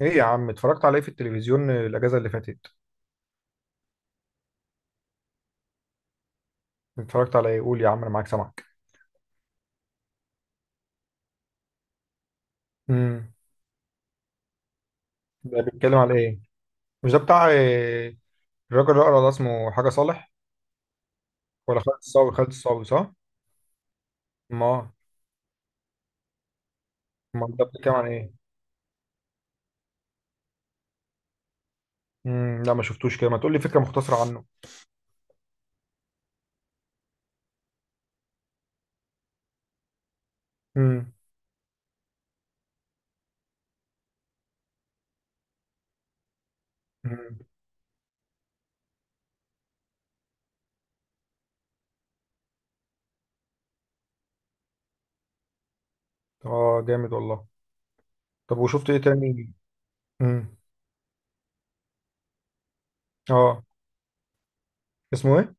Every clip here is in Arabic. ايه يا عم؟ اتفرجت على ايه في التلفزيون الاجازه اللي فاتت؟ اتفرجت على ايه؟ قول يا عم انا معاك سامعك. امم. ده بيتكلم على ايه؟ مش ده بتاع الراجل اللي اقرا ده، اسمه حاجه صالح؟ ولا خالد الصاوي، خالد الصاوي، صح؟ ما، ما ده بيتكلم عن ايه؟ امم، لا ما شفتوش، كده ما تقول لي فكره مختصره عنه. امم. امم. اه، جامد والله. طب وشفت ايه تاني؟ امم. اه. اسمه ايه؟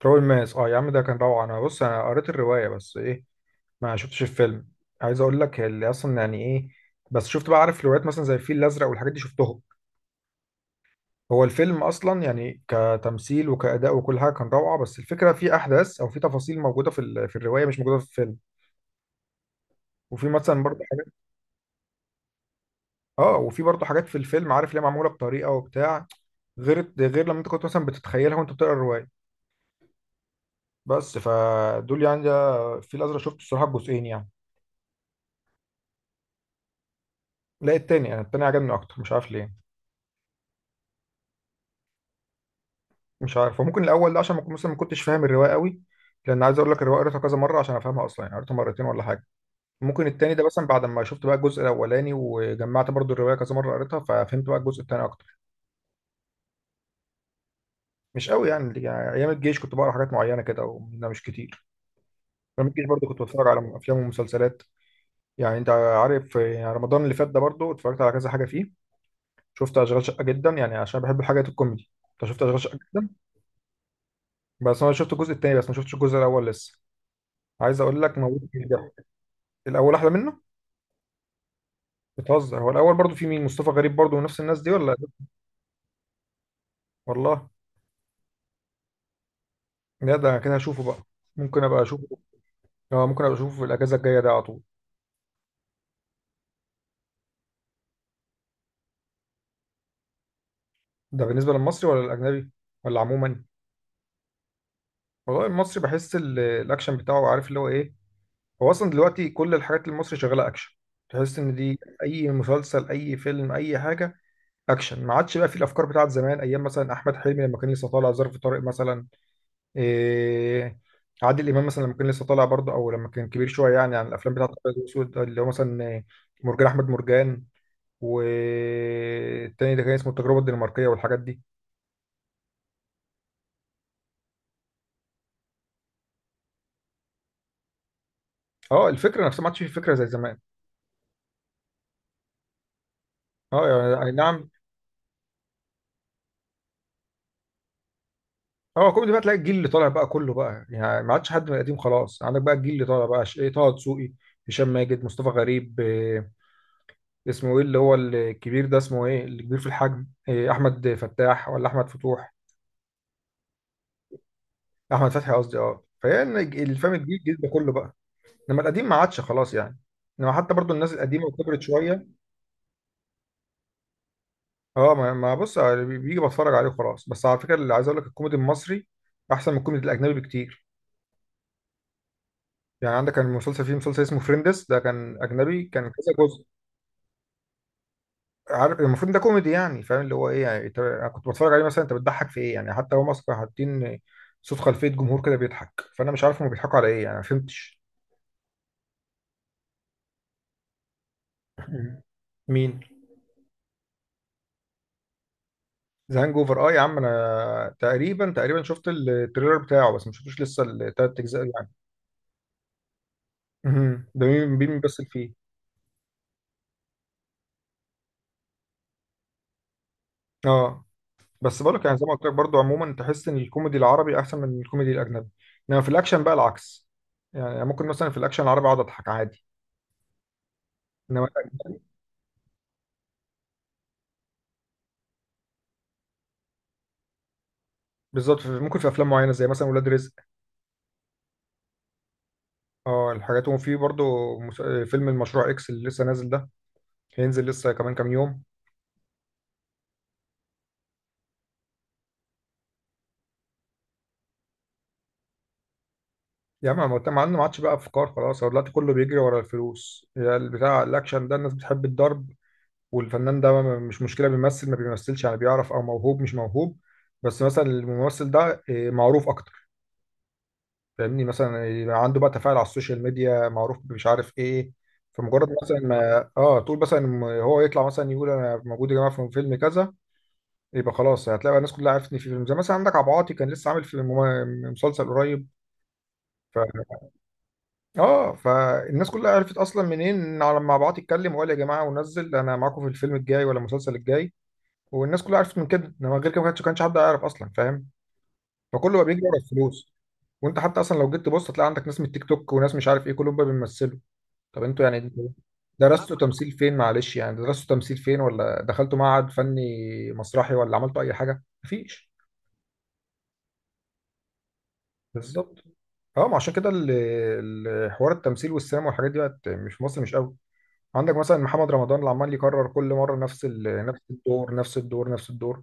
تراب الماس، اه يا عم، ده كان روعه. انا بص، انا قريت الروايه بس ايه، ما شفتش الفيلم. عايز اقول لك، اللي اصلا يعني ايه، بس شفت بقى، عارف روايات مثلا زي الفيل الازرق والحاجات دي شفتهم. هو الفيلم اصلا يعني كتمثيل وكاداء وكل حاجه كان روعه، بس الفكره في احداث او في تفاصيل موجوده في في الروايه مش موجوده في الفيلم. وفي مثلا برضه حاجات. اه، وفي برضه حاجات في الفيلم، عارف ليه معموله بطريقه وبتاع، غير لما انت كنت مثلا بتتخيلها وانت بتقرا الروايه. بس فدول يعني. ده الفيل الازرق شفته الصراحه جزئين يعني. لا التاني، يعني التاني عجبني اكتر، مش عارف ليه. مش عارف، وممكن الاول ده عشان ما كنت- مثلا ما كنتش فاهم الروايه قوي. لان عايز اقول لك الروايه قريتها كذا مره عشان افهمها اصلا، يعني قريتها مرتين ولا حاجه. ممكن التاني ده مثلا بعد ما شفت بقى الجزء الاولاني وجمعت برضو الروايه كذا مره قريتها، ففهمت بقى الجزء التاني اكتر. مش قوي يعني ايام الجيش كنت بقرا حاجات معينه كده، ومنها مش كتير. ايام الجيش برضو كنت بتفرج على افلام ومسلسلات. يعني انت عارف يعني رمضان اللي فات ده برضو اتفرجت على كذا حاجه فيه. شفت اشغال شقه جدا، يعني عشان بحب الحاجات الكوميدي. انت شفت اشغال شقه جدا؟ بس انا شفت الجزء التاني، بس ما شفتش الجزء الاول لسه. عايز اقول لك موت. الاول احلى منه. بتهزر؟ هو الاول برضو في مين؟ مصطفى غريب برضو ونفس الناس دي ولا؟ والله. لا ده كده هشوفه بقى. ممكن ابقى اشوفه. اه، ممكن ابقى اشوفه في الاجازه الجايه ده على طول. ده بالنسبه للمصري ولا الاجنبي؟ ولا عموما؟ والله المصري، بحس الاكشن بتاعه، عارف اللي هو ايه. هو اصلا دلوقتي كل الحاجات المصري شغاله اكشن. تحس ان دي اي مسلسل، اي فيلم، اي حاجه، اكشن. ما عادش بقى في الافكار بتاعت زمان، ايام مثلا احمد حلمي لما كان لسه طالع ظرف طارق مثلا. إيه، عادل امام مثلا لما كان لسه طالع برضه، او لما كان كبير شويه، يعني عن الافلام بتاعت الابيض والاسود، اللي هو مثلا مرجان احمد مرجان، والتاني ده كان اسمه التجربه الدنماركيه، والحاجات دي. اه، الفكره نفسها ما عادش في فكره زي زمان. اه. يعني أي نعم. اه، كوميدي بقى تلاقي الجيل اللي طالع بقى كله بقى، يعني ما عادش حد من القديم خلاص، عندك بقى الجيل اللي طالع بقى ايه، طه دسوقي، هشام ماجد، مصطفى غريب، إيه، اسمه ايه اللي هو الكبير ده، اسمه ايه الكبير في الحجم، إيه، احمد فتاح ولا احمد فتوح؟ احمد فتحي قصدي. اه، فهي إن الفيلم الجديد ده كله بقى. انما القديم ما عادش خلاص يعني. انما حتى برضو الناس القديمه وكبرت شويه. اه ما ما بص يعني بيجي بتفرج عليه وخلاص. بس على فكره، اللي عايز اقول لك، الكوميدي المصري احسن من الكوميدي الاجنبي بكتير. يعني عندك كان مسلسل فيه، مسلسل اسمه فريندس، ده كان اجنبي، كان كذا جزء. عارف، المفروض ده كوميدي، يعني فاهم اللي هو ايه، يعني انت، أنا كنت بتفرج عليه مثلا، انت بتضحك في ايه؟ يعني حتى هم اصلا كانوا حاطين صوت خلفيه جمهور كده بيضحك، فانا مش عارف هم بيضحكوا على ايه يعني، ما فهمتش. مين؟ ذا هانج اوفر، اه يا عم، انا تقريبا تقريبا شفت التريلر بتاعه، بس ما شفتوش لسه التلات اجزاء يعني. مهم، ده مين، مين بيمثل فيه؟ اه، بس بقول لك يعني، زي ما قلت لك برضه، عموما تحس ان الكوميدي العربي احسن من الكوميدي الاجنبي. انما في الاكشن بقى العكس. يعني ممكن مثلا في الاكشن العربي اقعد اضحك عادي. انما، بالظبط، ممكن في افلام معينه زي مثلا ولاد رزق. اه الحاجات، وفي برضه فيلم المشروع اكس اللي لسه نازل ده، هينزل لسه كمان كام يوم. يا عم ما مع انه ما عادش بقى افكار خلاص، هو دلوقتي كله بيجري ورا الفلوس. يا البتاع، الاكشن ده الناس بتحب الضرب، والفنان ده مش مشكله بيمثل ما بيمثلش، يعني بيعرف او موهوب مش موهوب، بس مثلا الممثل ده معروف اكتر. فاهمني، مثلا يبقى عنده بقى تفاعل على السوشيال ميديا، معروف مش عارف ايه، فمجرد مثلا ما تقول مثلا، هو يطلع مثلا يقول انا موجود يا جماعه في فيلم كذا، يبقى خلاص هتلاقي بقى الناس كلها عرفتني في فيلم. زي مثلا، عندك عبد العاطي، كان لسه عامل في مسلسل قريب. اه، فالناس كلها عرفت اصلا منين إن، على لما بعت اتكلم وقال يا جماعه ونزل انا معاكم في الفيلم الجاي ولا المسلسل الجاي، والناس كلها عرفت من كده. انما غير كده ما كانش حد يعرف اصلا فاهم، فكله بقى بيجري ورا الفلوس. وانت حتى اصلا لو جيت تبص هتلاقي عندك ناس من التيك توك وناس مش عارف ايه كلهم بقى بيمثلوا. طب انتوا يعني، انتوا درستوا تمثيل فين؟ معلش يعني درستوا تمثيل فين، ولا دخلتوا معهد فني مسرحي، ولا عملتوا اي حاجه؟ مفيش. بالظبط. اه، ما عشان كده حوار التمثيل والسينما والحاجات دي بقت مش في مصر، مش قوي. عندك مثلا محمد رمضان اللي عمال يكرر كل مره نفس نفس الدور، نفس الدور، نفس الدور.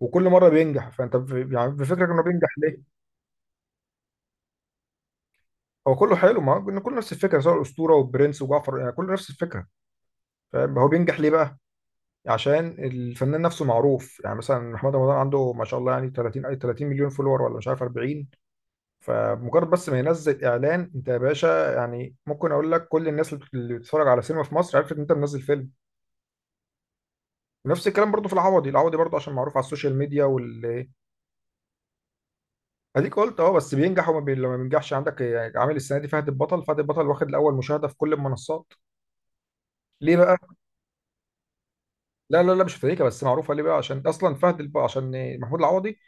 وكل مره بينجح، فانت يعني بفكرك انه بينجح ليه؟ هو كله حلو، ما هو إن كله نفس الفكره، سواء الاسطوره والبرنس وجعفر، يعني كله نفس الفكره. فاهم؟ هو بينجح ليه بقى؟ عشان الفنان نفسه معروف. يعني مثلا محمد رمضان عنده ما شاء الله يعني 30، أي 30 مليون فولور، ولا مش عارف 40. فمجرد بس ما ينزل اعلان، انت يا باشا، يعني ممكن اقول لك كل الناس اللي بتتفرج على سينما في مصر عرفت ان انت منزل فيلم. ونفس الكلام برضو في العوضي. العوضي برضو عشان معروف على السوشيال ميديا وال، اديك قلت اه، بس بينجح وما لما بينجحش عندك، يعني عامل السنه دي فهد البطل، فهد البطل واخد الاول مشاهده في كل المنصات. ليه بقى؟ لا لا لا، مش فريكه، بس معروفه ليه بقى؟ عشان اصلا عشان محمود العوضي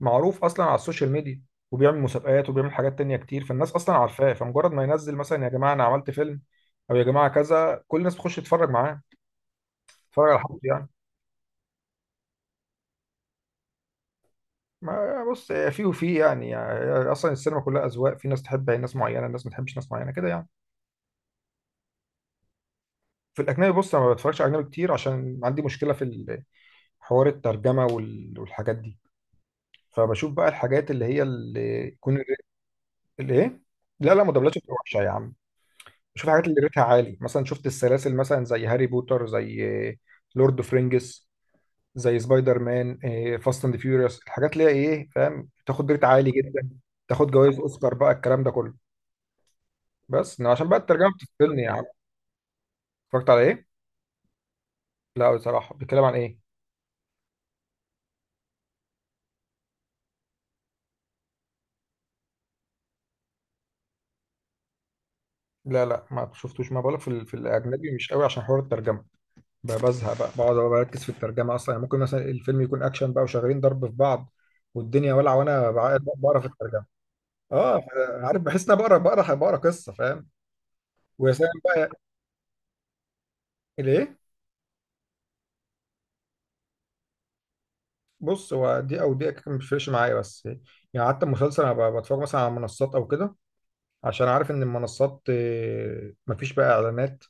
معروف اصلا على السوشيال ميديا، وبيعمل مسابقات وبيعمل حاجات تانية كتير، فالناس اصلا عارفاه. فمجرد ما ينزل مثلا، يا جماعه انا عملت فيلم، او يا جماعه كذا، كل الناس بتخش تتفرج معاه. تتفرج على حد يعني؟ ما بص، في وفي يعني, اصلا السينما كلها اذواق، في ناس تحب ناس معينه، ناس ما تحبش ناس معينه كده يعني. في الاجنبي، بص انا ما بتفرجش على اجنبي كتير عشان عندي مشكله في حوار الترجمه والحاجات دي. فبشوف بقى الحاجات اللي هي اللي يكون اللي ايه. لا لا ما دبلجة بتبقى وحشه يا عم. بشوف الحاجات اللي ريتها عالي، مثلا شفت السلاسل مثلا زي هاري بوتر، زي لورد اوف رينجز، زي سبايدر مان، فاست اند فيوريوس، الحاجات اللي هي ايه، فاهم؟ تاخد ريت عالي جدا، تاخد جوائز اوسكار بقى، الكلام ده كله. بس إنما عشان بقى الترجمه بتفصلني يا عم. اتفرجت على ايه؟ لا بصراحه، بيتكلم عن ايه؟ لا لا، ما شفتوش، ما بقولك في، في الاجنبي مش قوي عشان حوار الترجمه. بزهق بقى، بقعد أبقى بركز في الترجمه اصلا. يعني ممكن مثلا الفيلم يكون اكشن بقى وشغالين ضرب في بعض والدنيا ولع، وانا بقرا في الترجمه. اه. عارف، بحس ان انا بقرا بقرا بقرا قصه، فاهم؟ ويا سلام بقى. ليه؟ بص، هو دي او دي ما بتفرقش معايا، بس يعني حتى المسلسل انا بتفرج مثلا على منصات او كده، عشان عارف ان المنصات مفيش بقى اعلانات،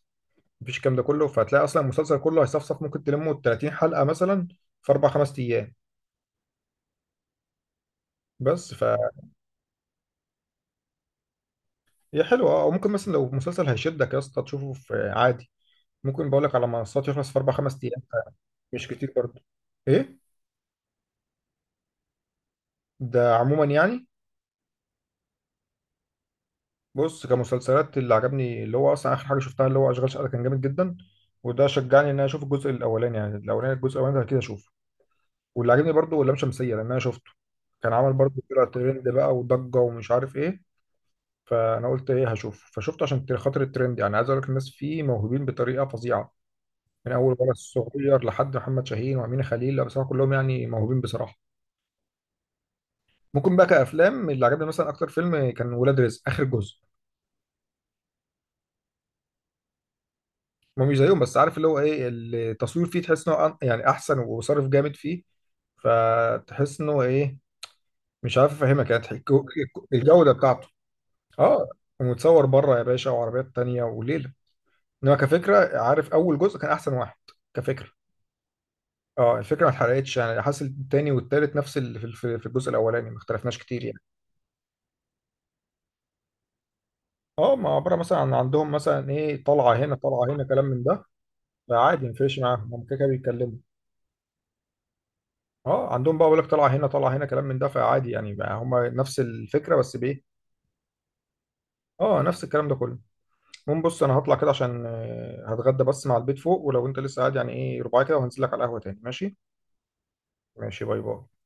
مفيش الكلام ده كله. فهتلاقي اصلا المسلسل كله هيصفصف، ممكن تلمه 30 حلقه مثلا في اربع خمس ايام. بس ف، هي حلوه اه، وممكن مثلا لو مسلسل هيشدك يا اسطى تشوفه في عادي. ممكن بقول لك على منصات يخلص في اربع خمس ايام. مش كتير برضه. ايه؟ ده عموما يعني؟ بص كمسلسلات، اللي عجبني، اللي هو اصلا اخر حاجه شفتها، اللي هو اشغال شقه، كان جامد جدا، وده شجعني ان انا اشوف الجزء الاولاني. يعني الاولاني، الجزء الاولاني ده كده اشوفه. واللي عجبني برضه لام شمسيه، لان انا شفته، كان عمل برضه طلع ترند بقى وضجه ومش عارف ايه. فانا قلت ايه، هشوف، فشفته عشان خاطر الترند. يعني عايز اقول لك الناس فيه موهوبين بطريقه فظيعه، من اول ولا الصغير لحد محمد شاهين وامين خليل. لا بصراحه كلهم يعني موهوبين بصراحه. ممكن بقى كافلام، اللي عجبني مثلا اكتر فيلم كان ولاد رزق اخر جزء. ما مش زيهم، بس عارف اللي هو ايه، التصوير فيه تحس انه يعني احسن وصرف جامد فيه، فتحس انه ايه، مش عارف افهمك يعني الجوده بتاعته. اه، ومتصور بره يا باشا، وعربيات تانية وليله. انما كفكره، عارف، اول جزء كان احسن واحد كفكره. اه، الفكره ما اتحرقتش، يعني حاسس التاني والتالت نفس اللي في في الجزء الاولاني، ما اختلفناش كتير يعني. اه، ما عبارة مثلا عن عندهم مثلا ايه، طلعة هنا، طلعة هنا، كلام من ده، فعادي مفيش معاهم، هم كده كده بيتكلموا. اه عندهم بقى بيقول لك طلعة هنا، طلعة هنا، كلام من ده، فعادي يعني بقى، هم نفس الفكرة، بس بايه. اه نفس الكلام ده كله. المهم بص، انا هطلع كده عشان هتغدى بس مع البيت فوق، ولو انت لسه قاعد يعني ايه ربع كده، وهنزل لك على القهوة تاني، ماشي؟ ماشي، باي باي.